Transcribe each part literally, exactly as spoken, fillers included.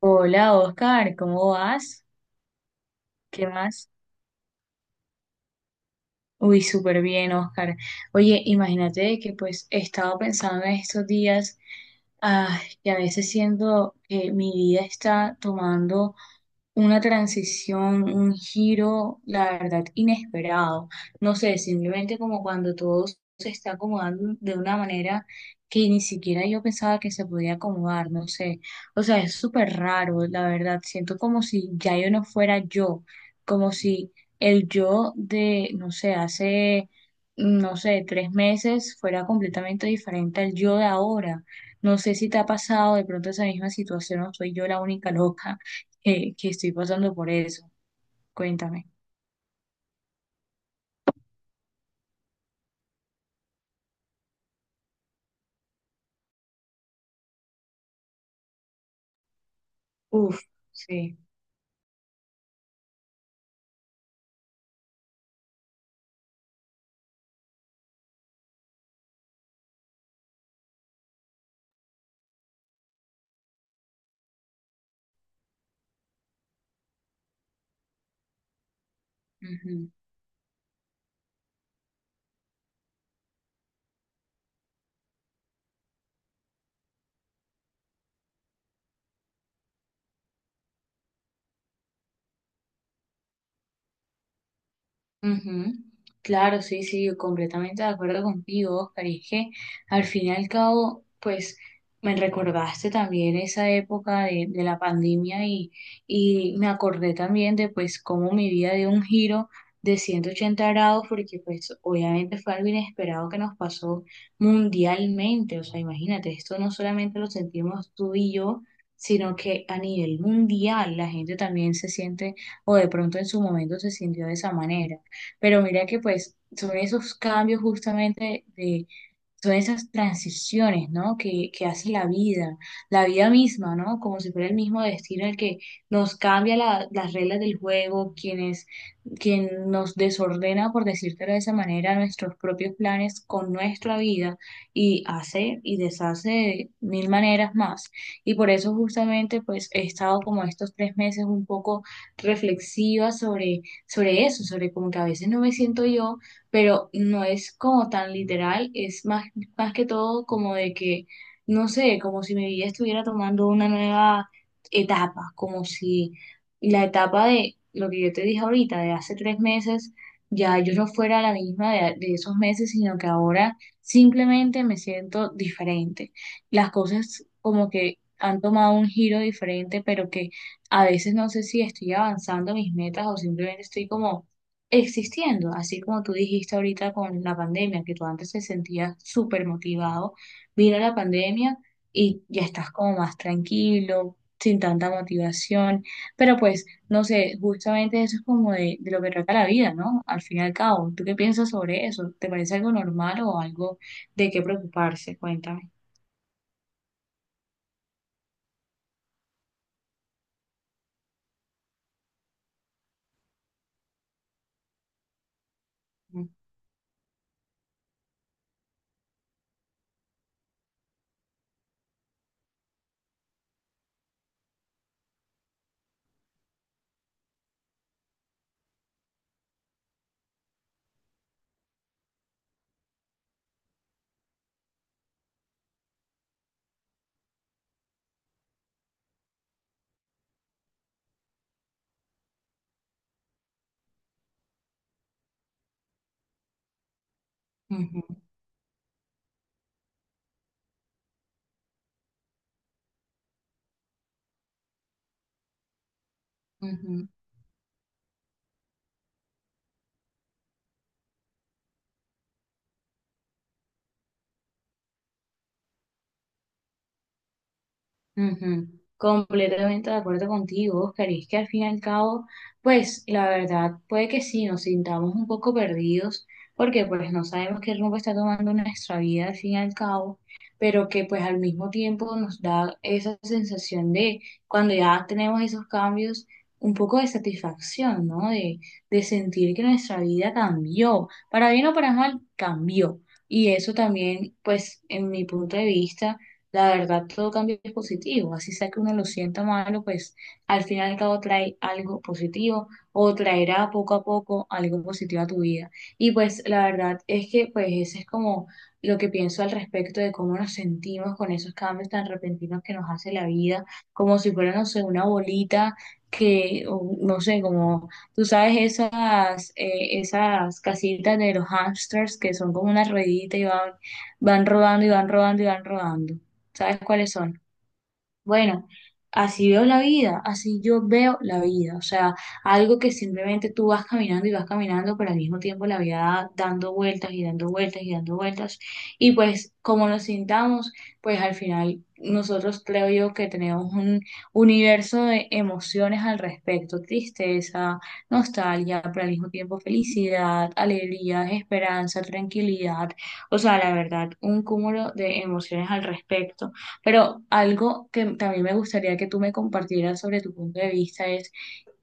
Hola Oscar, ¿cómo vas? ¿Qué más? Uy, súper bien, Oscar. Oye, imagínate de que pues he estado pensando en estos días, ah, que a veces siento que mi vida está tomando una transición, un giro, la verdad, inesperado. No sé, simplemente como cuando todo se está acomodando de una manera que ni siquiera yo pensaba que se podía acomodar, no sé. O sea, es súper raro, la verdad. Siento como si ya yo no fuera yo, como si el yo de, no sé, hace, mm, no sé, tres meses fuera completamente diferente al yo de ahora. No sé si te ha pasado de pronto esa misma situación o soy yo la única loca que, que estoy pasando por eso. Cuéntame. Uf, sí. Ujú. Ujú. Claro, sí, sí, completamente de acuerdo contigo, Oscar. Y es que al fin y al cabo, pues me recordaste también esa época de, de la pandemia y, y me acordé también de pues cómo mi vida dio un giro de ciento ochenta grados, porque pues obviamente fue algo inesperado que nos pasó mundialmente. O sea, imagínate, esto no solamente lo sentimos tú y yo, sino que a nivel mundial la gente también se siente o de pronto en su momento se sintió de esa manera. Pero mira que pues son esos cambios justamente de son esas transiciones, ¿no? Que, que hace la vida, la vida misma, ¿no? Como si fuera el mismo destino el que nos cambia la- las reglas del juego, quienes, quien nos desordena, por decírtelo de esa manera, nuestros propios planes con nuestra vida y hace y deshace de mil maneras más. Y por eso justamente, pues, he estado como estos tres meses un poco reflexiva sobre, sobre eso, sobre como que a veces no me siento yo, pero no es como tan literal, es más más que todo como de que, no sé, como si mi vida estuviera tomando una nueva etapa, como si la etapa de lo que yo te dije ahorita, de hace tres meses, ya yo no fuera la misma de, de esos meses, sino que ahora simplemente me siento diferente. Las cosas como que han tomado un giro diferente, pero que a veces no sé si estoy avanzando mis metas o simplemente estoy como existiendo, así como tú dijiste ahorita con la pandemia, que tú antes te sentías súper motivado, vino la pandemia y ya estás como más tranquilo, sin tanta motivación, pero pues, no sé, justamente eso es como de, de lo que trata la vida, ¿no? Al fin y al cabo, ¿tú qué piensas sobre eso? ¿Te parece algo normal o algo de qué preocuparse? Cuéntame. Ujú, ujú. Ujú. Completamente de acuerdo contigo, Oscar. Y es que al fin y al cabo, pues la verdad puede que sí nos sintamos un poco perdidos, porque pues no sabemos qué rumbo está tomando nuestra vida al fin y al cabo, pero que pues al mismo tiempo nos da esa sensación de cuando ya tenemos esos cambios, un poco de satisfacción, ¿no? De, de sentir que nuestra vida cambió, para bien o para mal, cambió. Y eso también, pues en mi punto de vista la verdad, todo cambio es positivo, así sea que uno lo sienta malo, pues al final y al cabo trae algo positivo o traerá poco a poco algo positivo a tu vida. Y pues la verdad es que pues ese es como lo que pienso al respecto de cómo nos sentimos con esos cambios tan repentinos que nos hace la vida, como si fuera, no sé, una bolita que, o no sé, como tú sabes esas, eh, esas casitas de los hamsters que son como una ruedita y van, van rodando y van rodando y van rodando. ¿Sabes cuáles son? Bueno, así veo la vida, así yo veo la vida. O sea, algo que simplemente tú vas caminando y vas caminando, pero al mismo tiempo la vida da- dando vueltas y dando vueltas y dando vueltas. Y pues como nos sintamos, pues al final nosotros creo yo que tenemos un universo de emociones al respecto, tristeza, nostalgia, pero al mismo tiempo felicidad, alegría, esperanza, tranquilidad. O sea, la verdad, un cúmulo de emociones al respecto, pero algo que también me gustaría que tú me compartieras sobre tu punto de vista es,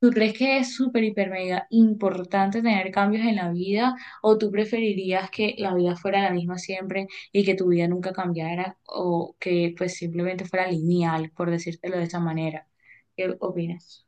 ¿tú crees que es súper, hiper, mega importante tener cambios en la vida o tú preferirías que la vida fuera la misma siempre y que tu vida nunca cambiara o que pues simplemente fuera lineal, por decírtelo de esa manera? ¿Qué opinas?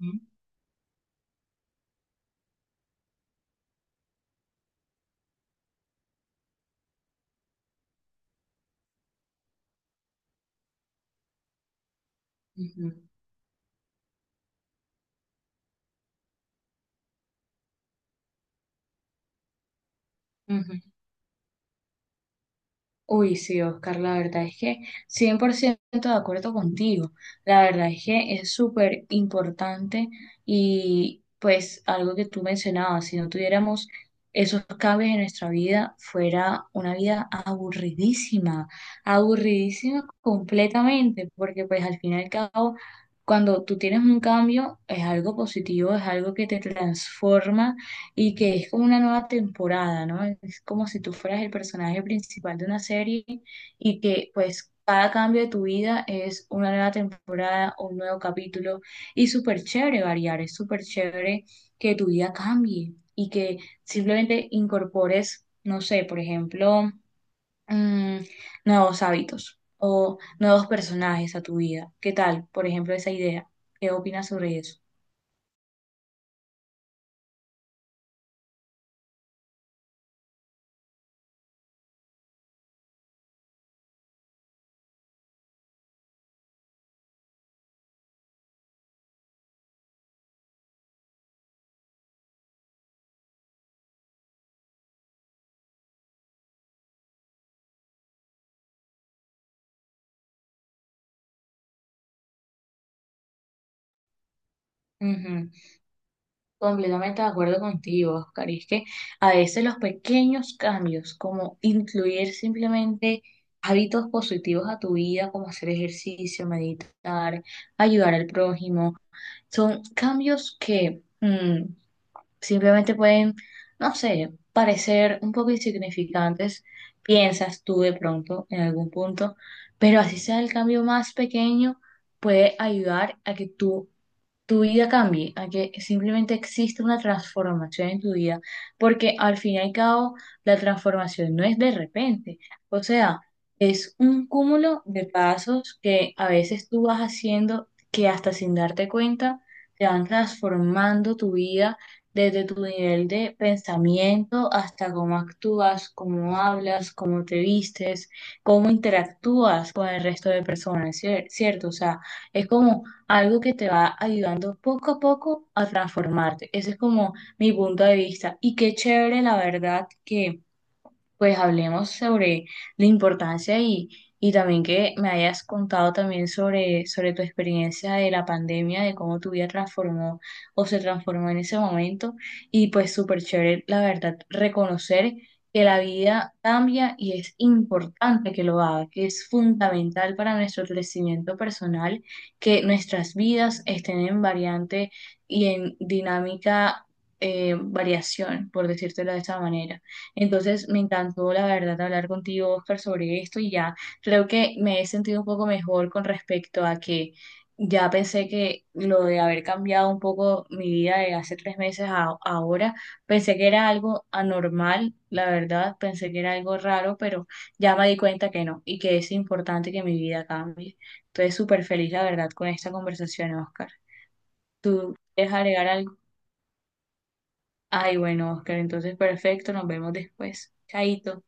Ujú, ujú, ujú. Uy, sí, Oscar, la verdad es que cien por ciento de acuerdo contigo. La verdad es que es súper importante y pues algo que tú mencionabas, si no tuviéramos esos cambios en nuestra vida, fuera una vida aburridísima, aburridísima completamente, porque pues al fin y al cabo, cuando tú tienes un cambio, es algo positivo, es algo que te transforma y que es como una nueva temporada, ¿no? Es como si tú fueras el personaje principal de una serie y que pues cada cambio de tu vida es una nueva temporada, un nuevo capítulo, y súper chévere variar, es súper chévere que tu vida cambie y que simplemente incorpores, no sé, por ejemplo, mm, nuevos hábitos o nuevos personajes a tu vida. ¿Qué tal? Por ejemplo, esa idea. ¿Qué opinas sobre eso? Ujú. Completamente de acuerdo contigo, Oscar. Y es que a veces los pequeños cambios, como incluir simplemente hábitos positivos a tu vida, como hacer ejercicio, meditar, ayudar al prójimo, son cambios que mm, simplemente pueden, no sé, parecer un poco insignificantes, piensas tú de pronto en algún punto, pero así sea el cambio más pequeño, puede ayudar a que tú tu vida cambie, a que simplemente exista una transformación en tu vida, porque al fin y al cabo la transformación no es de repente, o sea, es un cúmulo de pasos que a veces tú vas haciendo que hasta sin darte cuenta te van transformando tu vida, desde tu nivel de pensamiento hasta cómo actúas, cómo hablas, cómo te vistes, cómo interactúas con el resto de personas, cier- ¿cierto? O sea, es como algo que te va ayudando poco a poco a transformarte. Ese es como mi punto de vista. Y qué chévere, la verdad, que pues hablemos sobre la importancia y, y también que me hayas contado también sobre, sobre tu experiencia de la pandemia, de cómo tu vida transformó o se transformó en ese momento. Y pues súper chévere, la verdad, reconocer que la vida cambia y es importante que lo haga, que es fundamental para nuestro crecimiento personal, que nuestras vidas estén en variante y en dinámica eh, variación, por decírtelo de esta manera. Entonces, me encantó, la verdad, hablar contigo, Oscar, sobre esto, y ya creo que me he sentido un poco mejor con respecto a que ya pensé que lo de haber cambiado un poco mi vida de hace tres meses a ahora, pensé que era algo anormal, la verdad, pensé que era algo raro, pero ya me di cuenta que no y que es importante que mi vida cambie. Entonces, súper feliz, la verdad, con esta conversación, Oscar. ¿Tú quieres agregar algo? Ay, bueno, Oscar, entonces perfecto, nos vemos después. Chaito.